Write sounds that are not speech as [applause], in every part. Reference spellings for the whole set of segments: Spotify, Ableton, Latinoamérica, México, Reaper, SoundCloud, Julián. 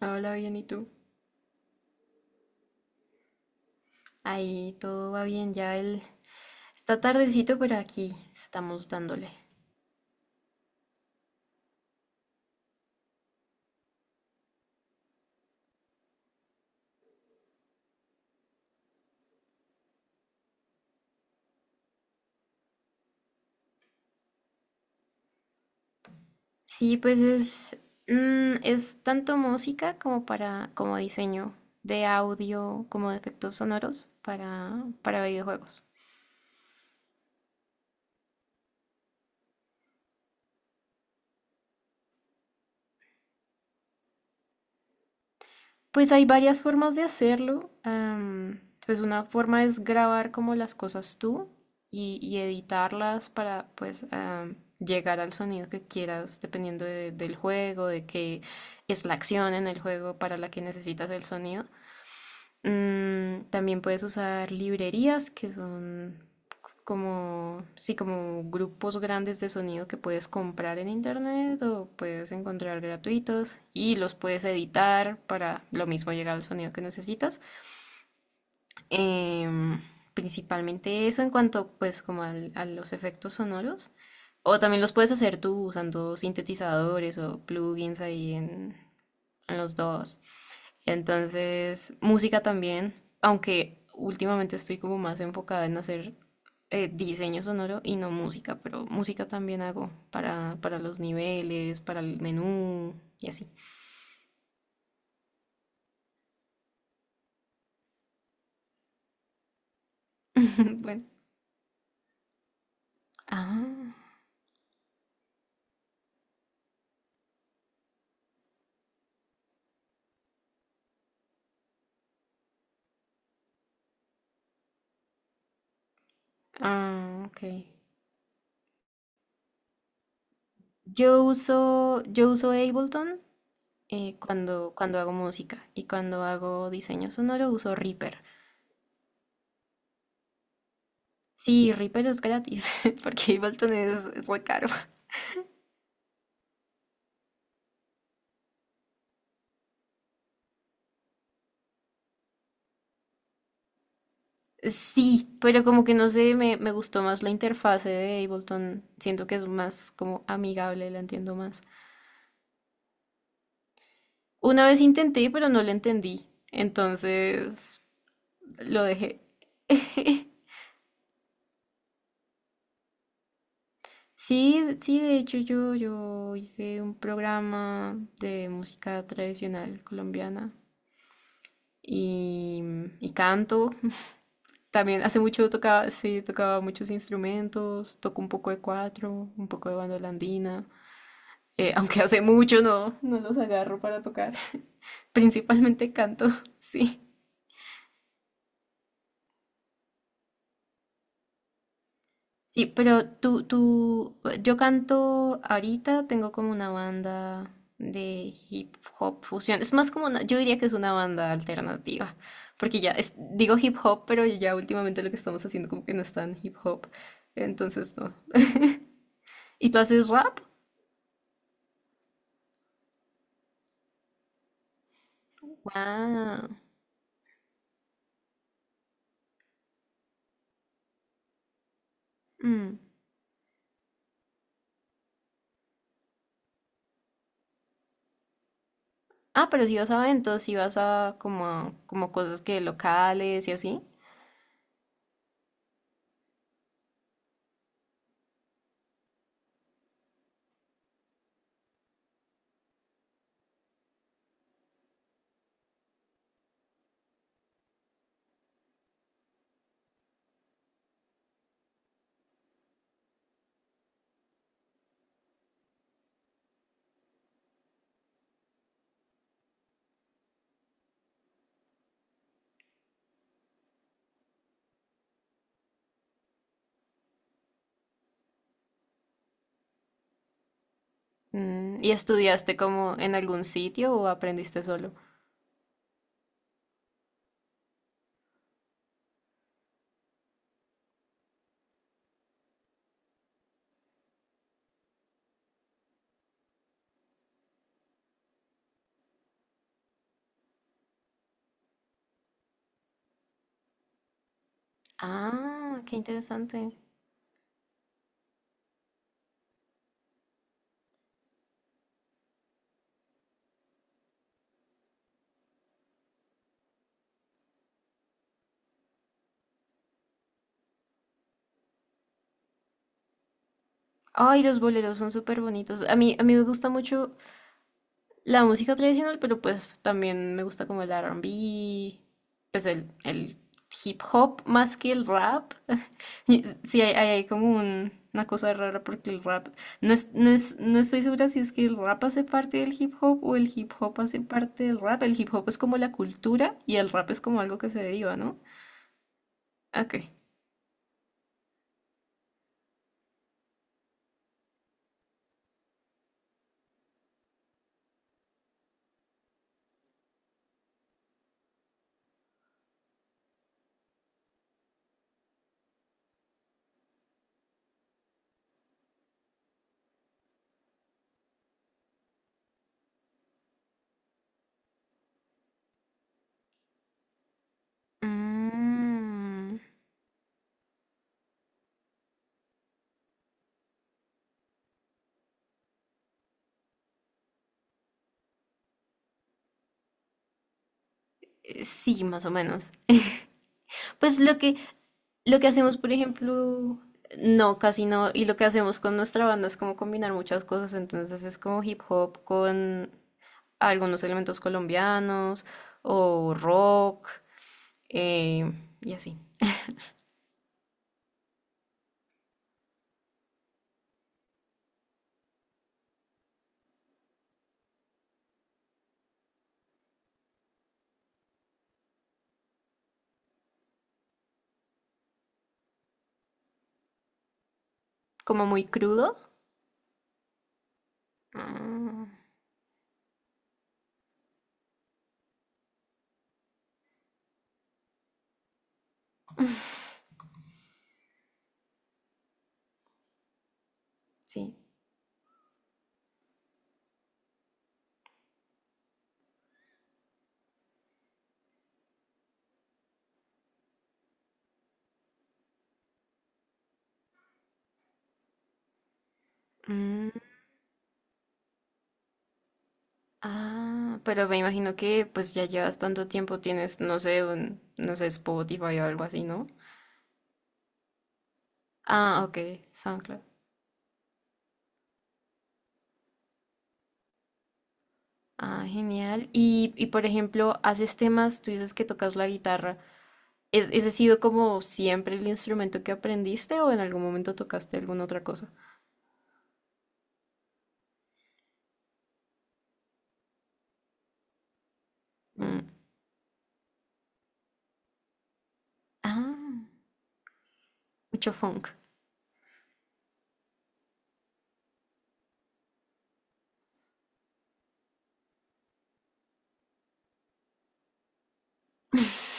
Hola, bien, ¿y tú? Ahí todo va bien, ya el... Está tardecito, pero aquí estamos dándole. Sí, pues es, es tanto música como como diseño de audio, como de efectos sonoros para videojuegos. Pues hay varias formas de hacerlo. Pues una forma es grabar como las cosas tú y editarlas para pues llegar al sonido que quieras dependiendo del juego, de qué es la acción en el juego para la que necesitas el sonido. También puedes usar librerías, que son como, sí, como grupos grandes de sonido que puedes comprar en internet o puedes encontrar gratuitos y los puedes editar para lo mismo llegar al sonido que necesitas. Em, Principalmente eso en cuanto pues como a los efectos sonoros. O también los puedes hacer tú usando sintetizadores o plugins en los dos. Entonces, música también, aunque últimamente estoy como más enfocada en hacer diseño sonoro y no música, pero música también hago para los niveles, para el menú y así. [laughs] Bueno. Ah, ok. Yo uso Ableton cuando hago música, y cuando hago diseño sonoro uso Reaper. Sí, Reaper es gratis [laughs] porque Ableton es muy caro. Sí, pero como que no sé, me gustó más la interfase de Ableton. Siento que es más como amigable, la entiendo más. Una vez intenté, pero no la entendí. Entonces lo dejé. [laughs] Sí, sí, de hecho yo hice un programa de música tradicional colombiana y, y canto. [laughs] También hace mucho tocaba, sí, tocaba muchos instrumentos, toco un poco de cuatro, un poco de bandola andina. Eh, [laughs] aunque hace mucho no los agarro para tocar. [laughs] Principalmente canto, sí. Sí, yo canto ahorita, tengo como una banda de hip hop fusión. Es más como una, yo diría que es una banda alternativa, porque digo hip hop, pero ya últimamente lo que estamos haciendo como que no es tan hip hop. Entonces, no. ¿Y tú haces rap? Wow. Ah, pero si vas a eventos, si vas a como, como cosas que locales y así. Mm, ¿y estudiaste como en algún sitio o aprendiste solo? Ah, qué interesante. Ay, los boleros son súper bonitos. A mí me gusta mucho la música tradicional, pero pues también me gusta como el R&B, pues el hip hop más que el rap. [laughs] Y sí, hay como una cosa rara porque el rap, no es, no es, no estoy segura si es que el rap hace parte del hip hop o el hip hop hace parte del rap. El hip hop es como la cultura y el rap es como algo que se deriva, ¿no? Ok. Mm, sí, más o menos. [laughs] Pues lo que, lo que hacemos, por ejemplo, no, casi no, y lo que hacemos con nuestra banda es como combinar muchas cosas, entonces es como hip hop con algunos elementos colombianos o rock, eh, y así, como muy crudo. Ah, sí. Mm, ah, pero me imagino que pues ya llevas tanto tiempo, tienes, no sé, un, no sé, Spotify o algo así, ¿no? Ah, ok, SoundCloud. Ah, genial. Y por ejemplo, haces temas, tú dices que tocas la guitarra. ¿Ese ha sido como siempre el instrumento que aprendiste, o en algún momento tocaste alguna otra cosa? Mm. Ah, mucho funk. [laughs]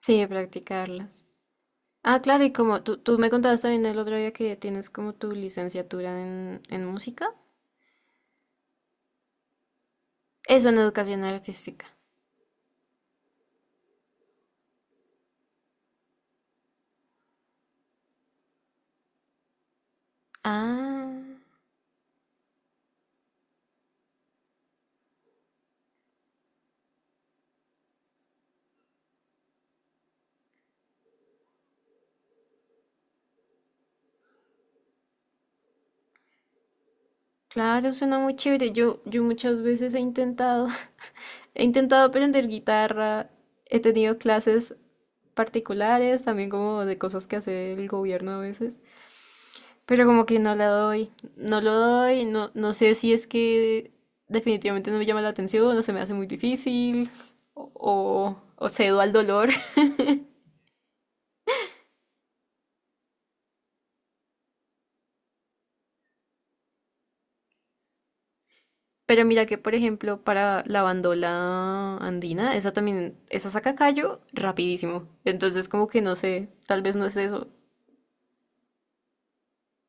Sí, de practicarlas. Ah, claro, y como tú me contabas también el otro día que tienes como tu licenciatura en música. Eso, en educación artística. Ah, claro, suena muy chévere. Yo muchas veces he intentado. He intentado aprender guitarra, he tenido clases particulares, también como de cosas que hace el gobierno a veces, pero como que no la doy, no lo doy, no, no sé si es que definitivamente no me llama la atención, o se me hace muy difícil, o cedo al dolor. [laughs] Pero mira que, por ejemplo, para la bandola andina, esa también, esa saca callo rapidísimo. Entonces como que no sé, tal vez no es eso.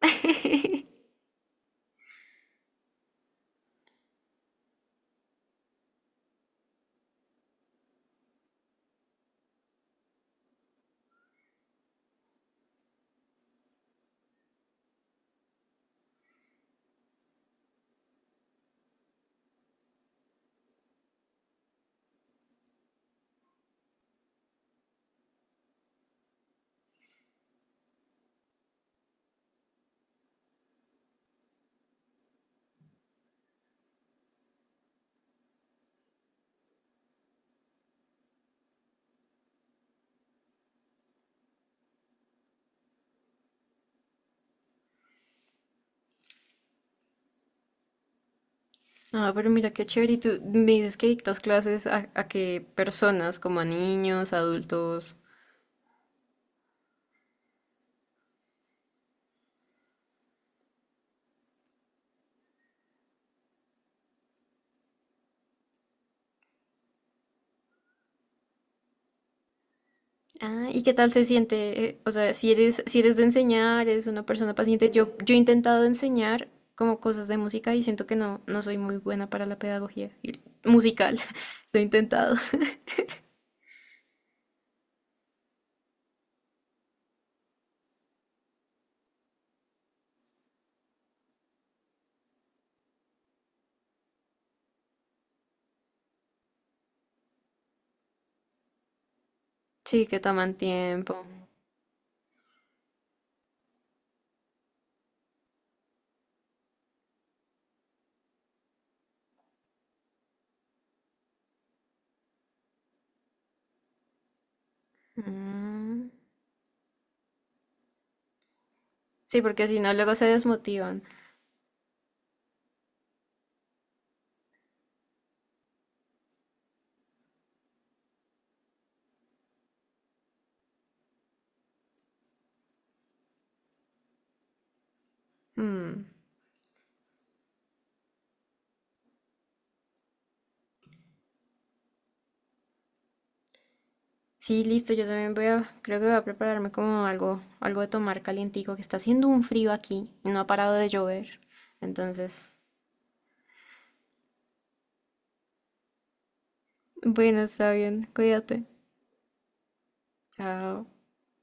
[laughs] Ah, pero mira qué chévere. ¿Y tú me dices que dictas clases a qué personas, como a niños, adultos? Ah, ¿y qué tal se siente? O sea, si eres de enseñar, eres una persona paciente. Yo he intentado enseñar como cosas de música y siento que no, no soy muy buena para la pedagogía musical. [laughs] Lo he intentado. [laughs] Sí, que toman tiempo. Mm. Sí, porque si no, luego se desmotivan. Mm. Sí, listo, yo también voy a, creo que voy a prepararme como algo, algo de tomar calientico, que está haciendo un frío aquí y no ha parado de llover. Entonces, bueno, está bien, cuídate. Chao.